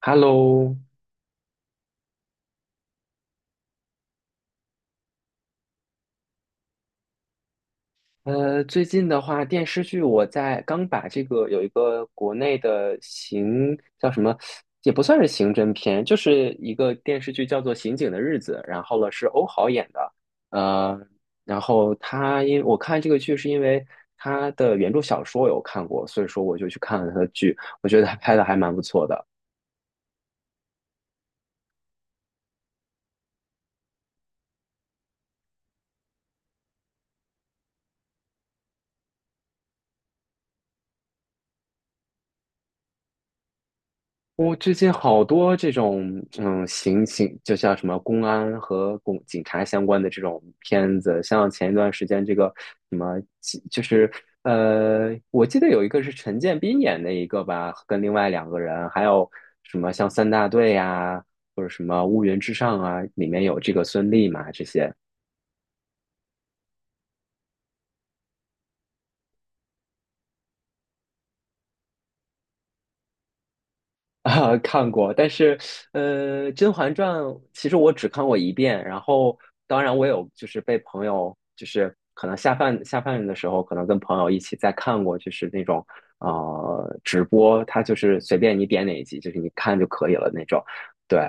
Hello。最近的话，电视剧我在刚把这个有一个国内的刑叫什么，也不算是刑侦片，就是一个电视剧叫做《刑警的日子》，然后了是欧豪演的。呃，然后他因我看这个剧是因为他的原著小说有看过，所以说我就去看了他的剧，我觉得他拍的还蛮不错的。我最近好多这种，刑警就像什么公安和公警察相关的这种片子，像前一段时间这个什么，就是我记得有一个是陈建斌演的一个吧，跟另外两个人，还有什么像三大队呀、或者什么乌云之上啊，里面有这个孙俪嘛，这些。啊，看过，但是，《甄嬛传》其实我只看过一遍，然后当然我有就是被朋友就是可能下饭下饭的时候，可能跟朋友一起再看过，就是那种直播，它就是随便你点哪一集，就是你看就可以了那种。对。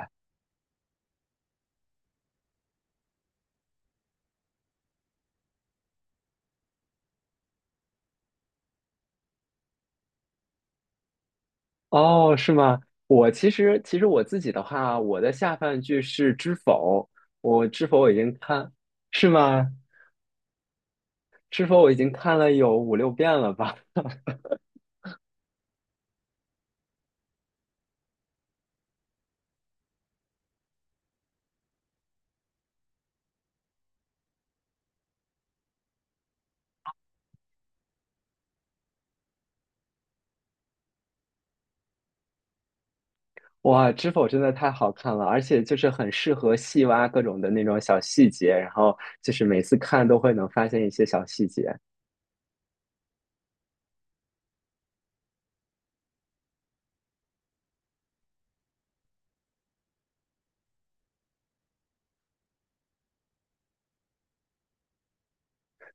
哦，是吗？我其实我自己的话，我的下饭剧是《知否》。我《知否》我已经看，是吗？《知否》我已经看了有五六遍了吧？哇，知否真的太好看了，而且就是很适合细挖各种的那种小细节，然后就是每次看都会能发现一些小细节。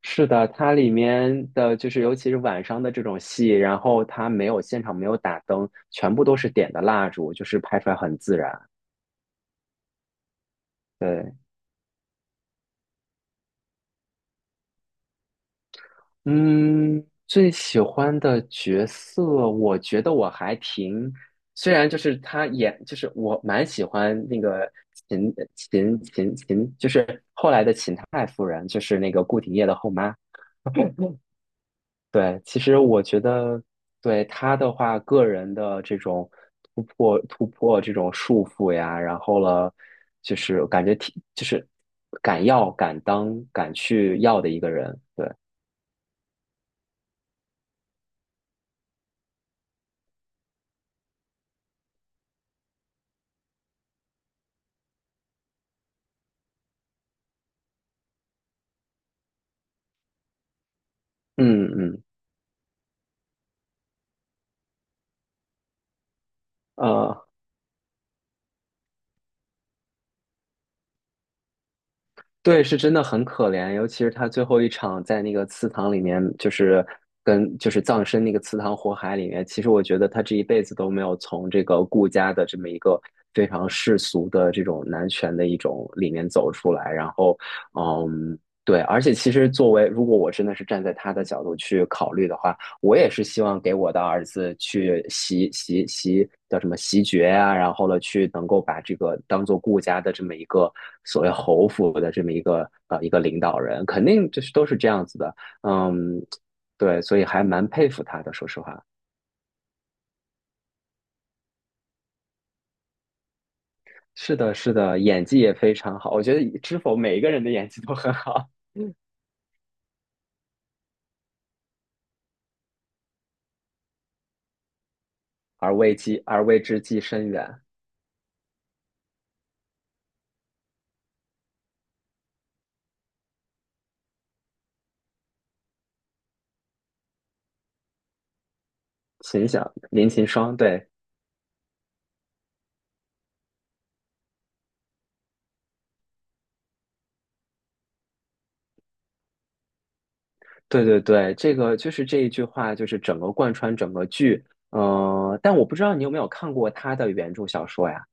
是的，它里面的就是尤其是晚上的这种戏，然后它没有现场没有打灯，全部都是点的蜡烛，就是拍出来很自然。对。嗯，最喜欢的角色，我觉得我还挺，虽然就是他演，就是我蛮喜欢那个秦，就是后来的秦太夫人，就是那个顾廷烨的后妈。对，其实我觉得对他的话，个人的这种突破这种束缚呀，然后了，就是感觉挺就是敢要敢当敢去要的一个人。对，嗯嗯。呃。对，是真的很可怜，尤其是他最后一场在那个祠堂里面，就是跟就是葬身那个祠堂火海里面。其实我觉得他这一辈子都没有从这个顾家的这么一个非常世俗的这种男权的一种里面走出来。然后，嗯，对，而且其实作为如果我真的是站在他的角度去考虑的话，我也是希望给我的儿子去习习习叫什么习爵啊，然后呢去能够把这个当做顾家的这么一个所谓侯府的这么一个一个领导人，肯定就是都是这样子的。嗯，对，所以还蛮佩服他的，说实话。是的，是的，演技也非常好，我觉得知否每一个人的演技都很好，而为鸡而为之计深远，秦响林秦霜，对。对对对，这个就是这一句话，就是整个贯穿整个剧。但我不知道你有没有看过他的原著小说呀？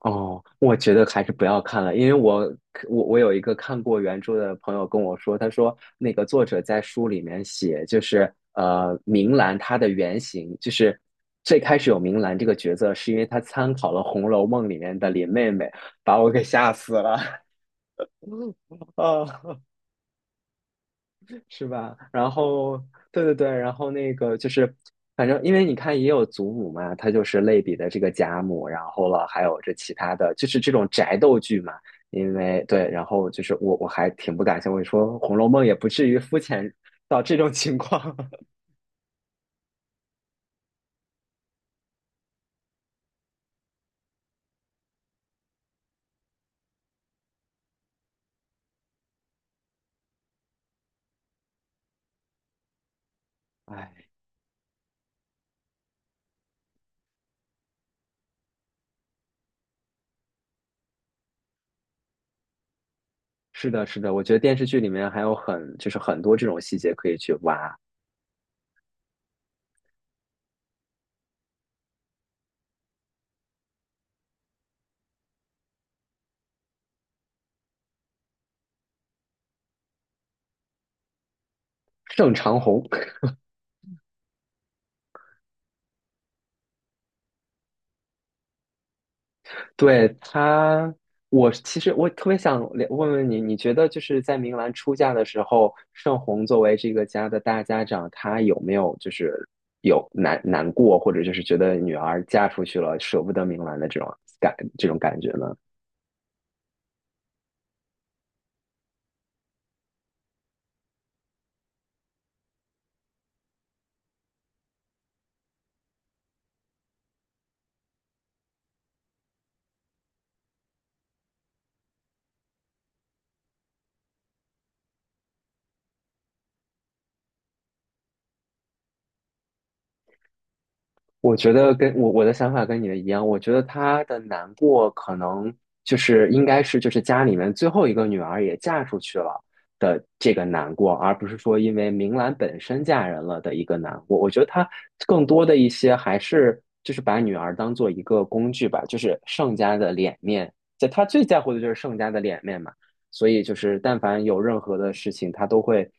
哦，我觉得还是不要看了，因为我有一个看过原著的朋友跟我说，他说那个作者在书里面写，就是明兰她的原型，就是最开始有明兰这个角色，是因为她参考了《红楼梦》里面的林妹妹，把我给吓死了。啊！是吧？然后，对对对，然后那个就是，反正因为你看也有祖母嘛，她就是类比的这个贾母，然后了还有这其他的，就是这种宅斗剧嘛。因为对，然后就是我还挺不感兴趣，我说《红楼梦》也不至于肤浅到这种情况。哎，是的，是的，我觉得电视剧里面还有很就是很多这种细节可以去挖。盛长虹。对他，我其实特别想了问问你，你觉得就是在明兰出嫁的时候，盛虹作为这个家的大家长，她有没有就是有难过，或者就是觉得女儿嫁出去了舍不得明兰的这种感觉呢？我觉得跟我的想法跟你的一样，我觉得她的难过可能就是应该是就是家里面最后一个女儿也嫁出去了的这个难过，而不是说因为明兰本身嫁人了的一个难过。我觉得她更多的一些还是就是把女儿当做一个工具吧，就是盛家的脸面，在她最在乎的就是盛家的脸面嘛。所以就是但凡有任何的事情，她都会。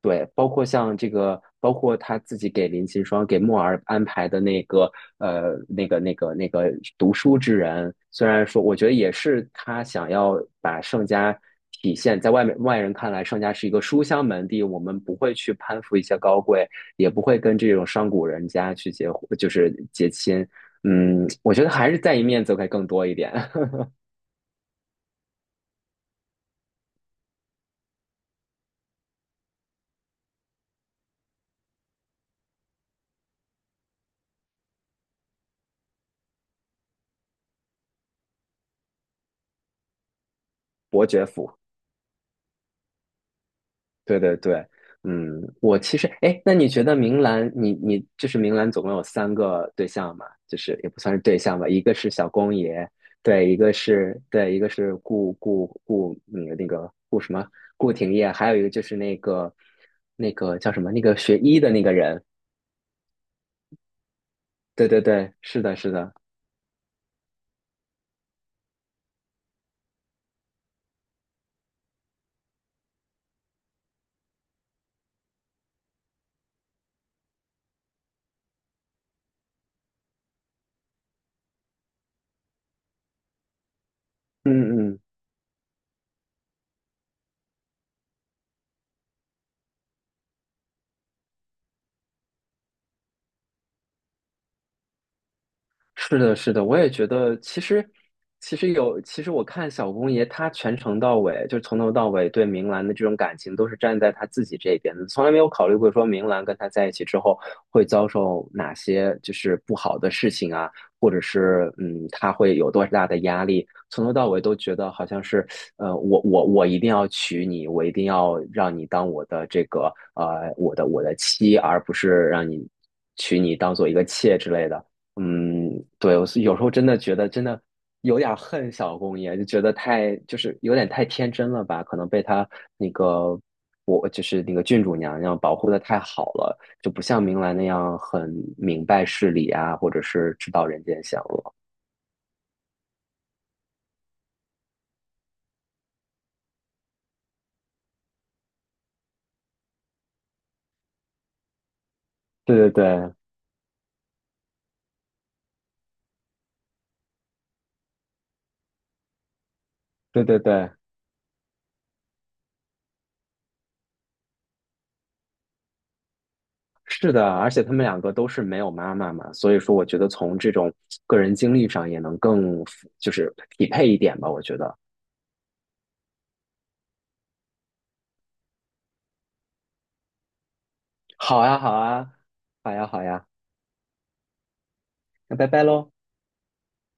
对，包括像这个，包括他自己给林噙霜、给墨儿安排的那个，那个读书之人，虽然说，我觉得也是他想要把盛家体现在外面外人看来，盛家是一个书香门第，我们不会去攀附一些高贵，也不会跟这种商贾人家去结婚就是结亲。我觉得还是在意面子会更多一点。伯爵府。对对对。我其实，哎，那你觉得明兰，你就是明兰，总共有三个对象嘛？就是也不算是对象吧，一个是小公爷，对，一个是对，一个是顾，那个顾什么顾廷烨，还有一个就是那个叫什么，那个学医的那个人，对对对，是的，是的，嗯嗯。是的，是的，我也觉得，其实，其实有，其实我看小公爷他全程到尾，就从头到尾对明兰的这种感情都是站在他自己这边的，从来没有考虑过说明兰跟他在一起之后会遭受哪些就是不好的事情啊，或者是他会有多大的压力，从头到尾都觉得好像是我一定要娶你，我一定要让你当我的这个我的妻，而不是让你娶你当做一个妾之类的。嗯，对，我是有时候真的觉得真的有点儿恨小公爷，就觉得太就是有点太天真了吧，可能被他那个我就是那个郡主娘娘保护的太好了，就不像明兰那样很明白事理啊，或者是知道人间险恶。对对对对对对，是的，而且他们两个都是没有妈妈嘛，所以说我觉得从这种个人经历上也能更就是匹配一点吧，我觉得。好呀好呀，好呀好呀，那拜拜喽。